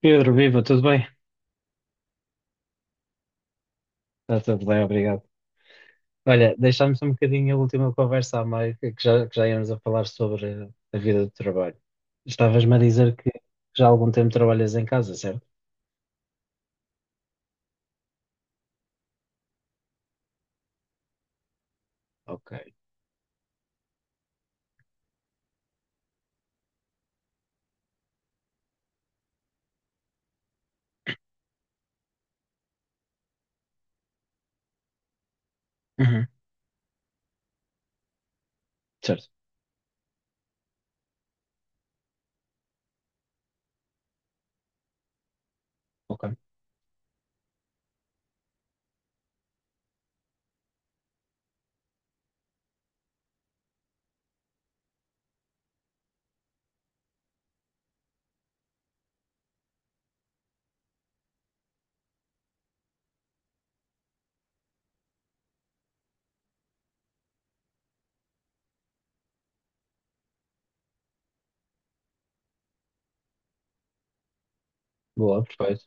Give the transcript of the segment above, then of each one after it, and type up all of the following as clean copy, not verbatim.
Pedro, viva, tudo bem? Está tudo bem, obrigado. Olha, deixámos um bocadinho a última conversa à meio, que já íamos a falar sobre a vida do trabalho. Estavas-me a dizer que já há algum tempo trabalhas em casa, certo? Ok. Uhum. Certo, ok. Boa, perfeito.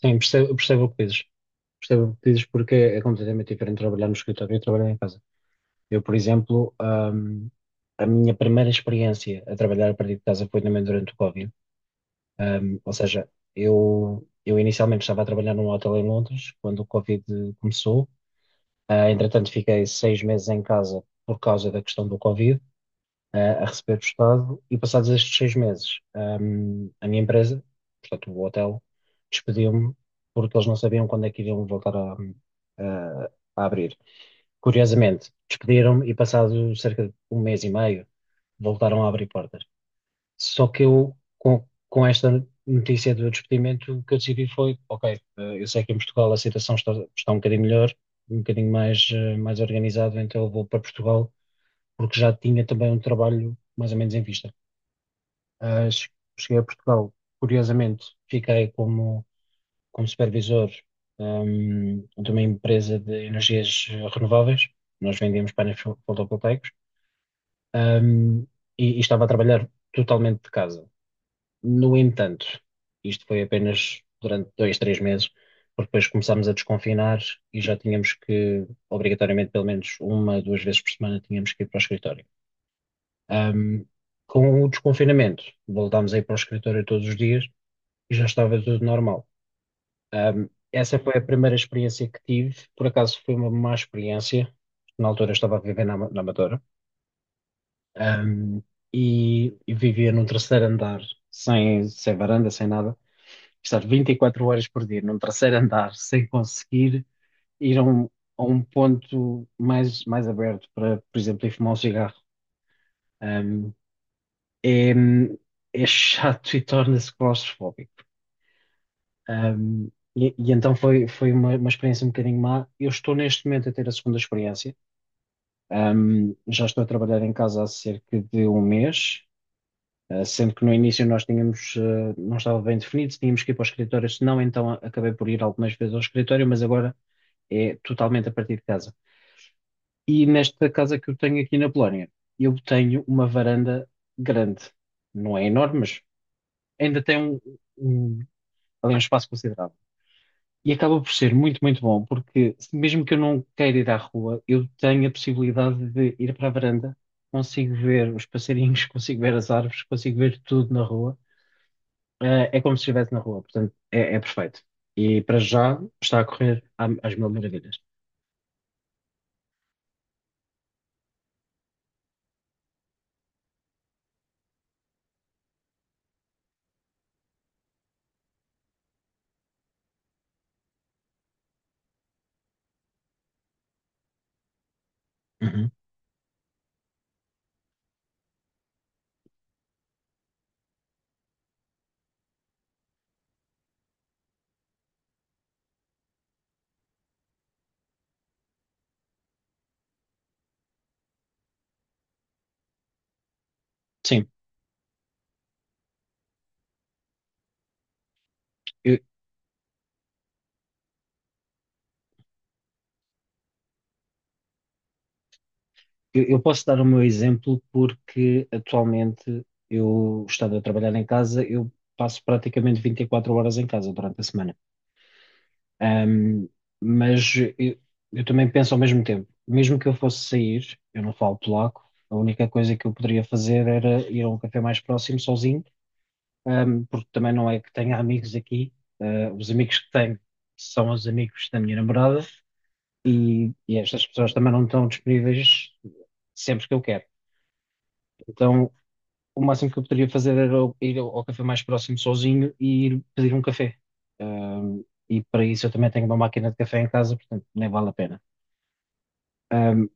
Sim, percebo o que dizes. Percebo o que dizes porque é completamente diferente trabalhar no escritório e trabalhar em casa. Eu, por exemplo, a minha primeira experiência a trabalhar a partir de casa foi também durante o Covid. Ou seja, eu inicialmente estava a trabalhar num hotel em Londres quando o Covid começou. Ah, entretanto, fiquei seis meses em casa por causa da questão do Covid, ah, a receber do Estado. E passados estes seis meses, a minha empresa, portanto, o hotel, despediu-me porque eles não sabiam quando é que iriam voltar a- a abrir. Curiosamente, despediram-me e passado cerca de um mês e meio, voltaram a abrir portas. Só que eu, com esta notícia do despedimento, o que eu decidi foi: ok, eu sei que em Portugal a situação está um bocadinho melhor, um bocadinho mais, mais organizado, então eu vou para Portugal, porque já tinha também um trabalho mais ou menos em vista. Ah, che- Cheguei a Portugal, curiosamente, fiquei como, como supervisor, de uma empresa de energias renováveis, nós vendíamos painéis fotovoltaicos, ehm, e estava a trabalhar totalmente de casa. No entanto, isto foi apenas durante dois, três meses, porque depois começámos a desconfinar e já tínhamos que, obrigatoriamente, pelo menos uma, duas vezes por semana, tínhamos que ir para o escritório. Ahm, com o desconfinamento, voltámos a ir para o escritório todos os dias e já estava tudo normal. Essa foi a primeira experiência que tive, por acaso foi uma má experiência, na altura eu estava a viver na Amadora, Ahm, e vivia num terceiro andar, sem, sem varanda, sem nada, estar 24 horas por dia num terceiro andar sem conseguir ir a um ponto mais, mais aberto para, por exemplo, ir fumar um cigarro. um, é, é chato e torna-se claustrofóbico. Um, e então foi uma experiência um bocadinho má. Eu estou neste momento a ter a segunda experiência. Já estou a trabalhar em casa há cerca de um mês. Sendo que no início nós tínhamos, não estava bem definido se tínhamos que ir para o escritório, se não, então acabei por ir algumas vezes ao escritório, mas agora é totalmente a partir de casa. E nesta casa que eu tenho aqui na Polónia, eu tenho uma varanda grande. Não é enorme, mas ainda tem um, ali um espaço considerável. E acaba por ser muito, muito bom, porque mesmo que eu não queira ir à rua, eu tenho a possibilidade de ir para a varanda, consigo ver os passarinhos, consigo ver as árvores, consigo ver tudo na rua. É como se estivesse na rua, portanto, é, é perfeito. E para já está a correr às mil maravilhas. Uhum. Sim, eu, eu posso dar o meu exemplo porque atualmente eu, estando a trabalhar em casa, eu passo praticamente 24 horas em casa durante a semana. Ahm, mas eu também penso ao mesmo tempo, mesmo que eu fosse sair, eu não falo polaco, a única coisa que eu poderia fazer era ir a um café mais próximo sozinho, porque também não é que tenha amigos aqui. Ah, os amigos que tenho são os amigos da minha namorada e estas pessoas também não estão disponíveis sempre que eu quero. Então, o máximo que eu poderia fazer era ir ao café mais próximo sozinho e ir pedir um café. Ahm, e para isso eu também tenho uma máquina de café em casa, portanto nem vale a pena. Ahm,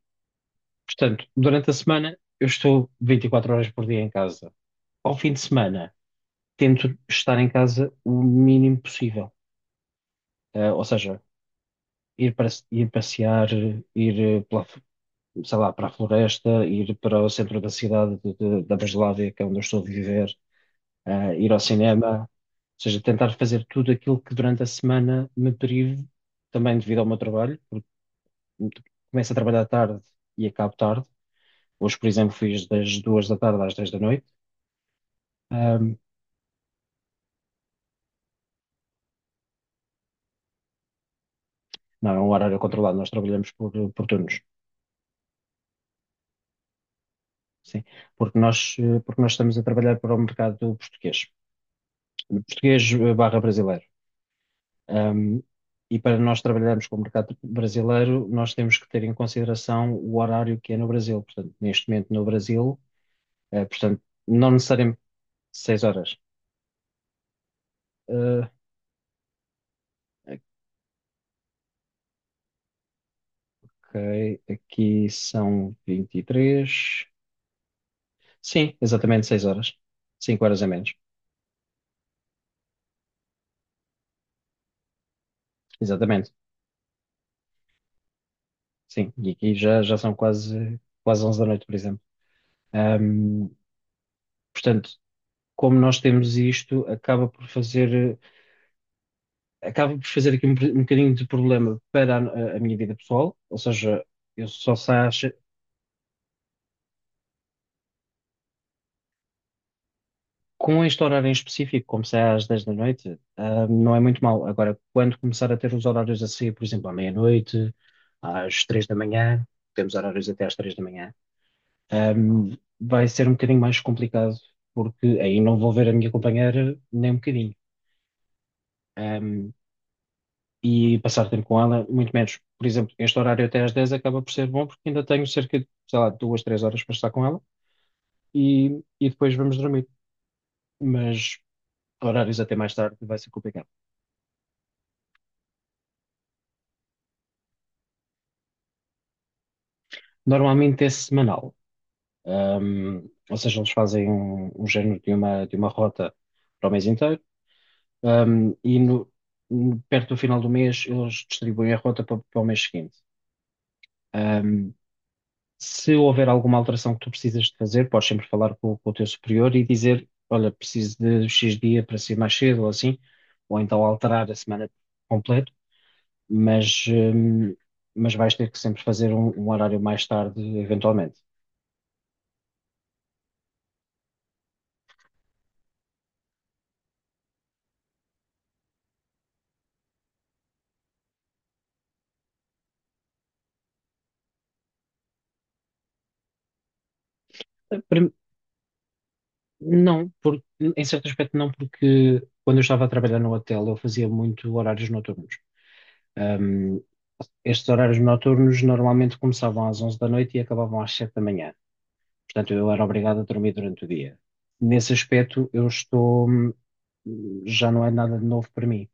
Portanto, durante a semana eu estou 24 horas por dia em casa. Ao fim de semana tento estar em casa o mínimo possível. Ah, ou seja, ir passear, ir sei lá, para a floresta, ir para o centro da cidade da Breslávia, que é onde eu estou a viver, ah, ir ao cinema, ou seja, tentar fazer tudo aquilo que durante a semana me prive, também devido ao meu trabalho, porque começo a trabalhar tarde e acabo tarde. Hoje, por exemplo, fiz das duas da tarde às 10 da noite. Ahm, não, é um horário controlado, nós trabalhamos por turnos. Sim, porque nós estamos a trabalhar para o mercado português, português barra brasileiro. Ahm, e para nós trabalharmos com o mercado brasileiro, nós temos que ter em consideração o horário que é no Brasil. Portanto, neste momento no Brasil, É, portanto, não necessariamente 6 horas. Ah, ok, aqui são 23. Sim, exatamente 6 horas. Cinco horas a menos. Exatamente. Sim, e aqui já, já são quase, quase 11 da noite, por exemplo. Ahm, Portanto, como nós temos isto, acaba por fazer aqui um bocadinho de problema para a minha vida pessoal, ou seja, eu só saio. Com este horário em específico, como sai às 10 da noite, ah, não é muito mal. Agora, quando começar a ter os horários a sair, por exemplo, à meia-noite, às 3 da manhã, temos horários até às 3 da manhã, ah, vai ser um bocadinho mais complicado, porque aí não vou ver a minha companheira nem um bocadinho. Ah, e passar tempo com ela, muito menos. Por exemplo, este horário até às 10 acaba por ser bom, porque ainda tenho cerca de, sei lá, duas, três horas para estar com ela e, e depois vamos dormir. Mas horários até mais tarde vai ser complicado. Normalmente é semanal. Ou seja, eles fazem um, um género de uma rota para o mês inteiro, e perto do final do mês eles distribuem a rota para o mês seguinte. Ahm, Se houver alguma alteração que tu precisas de fazer, podes sempre falar com o teu superior e dizer, olha, preciso de X dia para ser mais cedo ou assim, ou então alterar a semana completa, mas, ahm, mas vais ter que sempre fazer um horário mais tarde, eventualmente. Não, por, em certo aspecto não, porque quando eu estava a trabalhar no hotel eu fazia muito horários noturnos. Ahm, Estes horários noturnos normalmente começavam às 11 da noite e acabavam às 7 da manhã. Portanto, eu era obrigado a dormir durante o dia. Nesse aspecto, eu estou, já não é nada de novo para mim.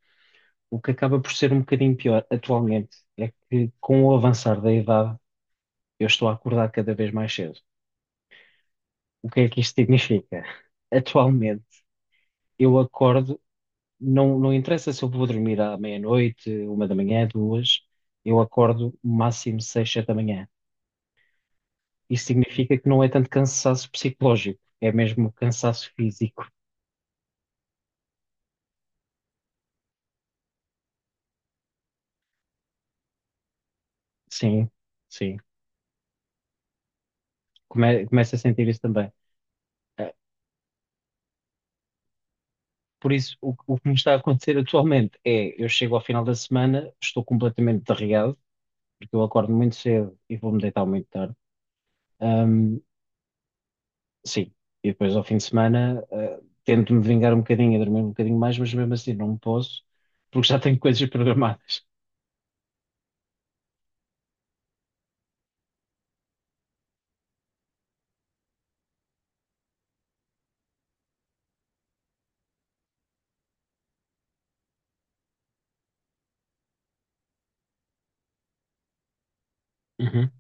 O que acaba por ser um bocadinho pior atualmente é que com o avançar da idade, eu estou a acordar cada vez mais cedo. O que é que isto significa? Atualmente, eu acordo. Não, não interessa se eu vou dormir à meia-noite, uma da manhã, duas, eu acordo máximo seis, sete da manhã. Isso significa que não é tanto cansaço psicológico, é mesmo cansaço físico. Sim, sim. Começo a sentir isso também. Eh, Por isso, o que me está a acontecer atualmente é, eu chego ao final da semana, estou completamente derreado, porque eu acordo muito cedo e vou-me deitar muito tarde. Sim, e depois ao fim de semana, tento-me vingar um bocadinho, e dormir um bocadinho mais, mas mesmo assim não posso, porque já tenho coisas programadas. Uhum.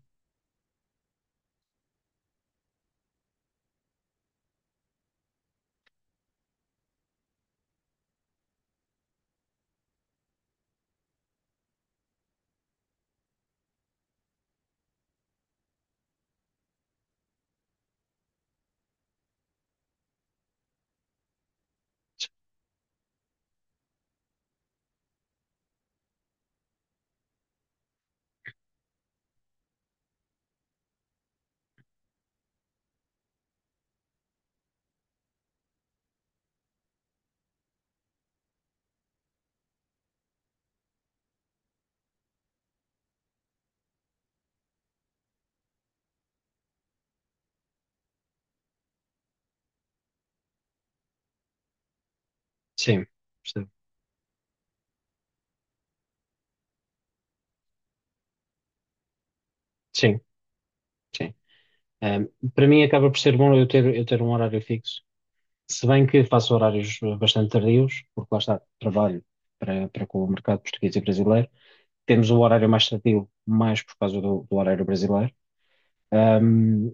Sim, percebo. Sim, sim. Ahm, Para mim acaba por ser bom eu ter um horário fixo, se bem que faço horários bastante tardios, porque lá está, trabalho para com o mercado português e brasileiro. Temos o horário mais tardio, mais por causa do horário brasileiro. Ehm,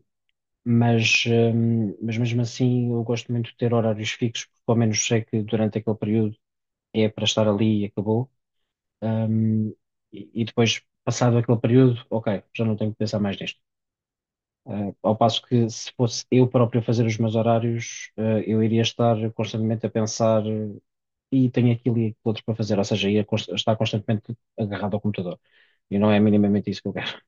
mas, mas mesmo assim eu gosto muito de ter horários fixos, porque pelo menos sei que durante aquele período é para estar ali e acabou. Hum, e, e depois, passado aquele período, ok, já não tenho que pensar mais nisto. Ah, ao passo que se fosse eu próprio a fazer os meus horários, ah, eu iria estar constantemente a pensar e tenho aquilo e aquilo outro para fazer, ou seja, ia estar constantemente agarrado ao computador. E não é minimamente isso que eu quero.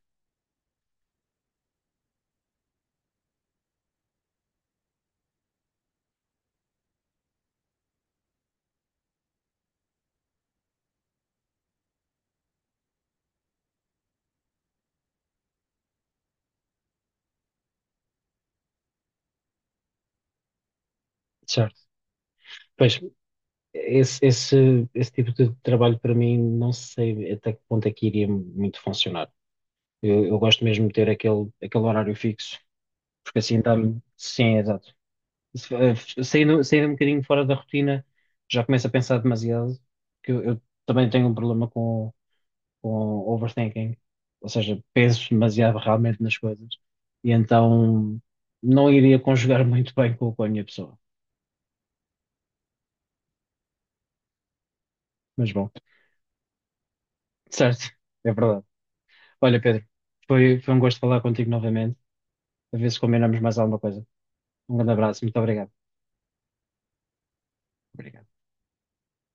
Certo. Pois, Esse, esse, esse tipo de trabalho para mim não sei até que ponto é que iria muito funcionar. Eu gosto mesmo de ter aquele, aquele horário fixo, porque assim dá-me. Sim, exato. Se- eh, Saindo, saindo um bocadinho fora da rotina, já começo a pensar demasiado, que eu também tenho um problema com overthinking, ou seja, penso demasiado realmente nas coisas, e então não iria conjugar muito bem com a minha pessoa. Mas bom, certo, é verdade. Olha, Pedro, foi um gosto falar contigo novamente, a ver se combinamos mais alguma coisa. Um grande abraço, muito obrigado. Obrigado.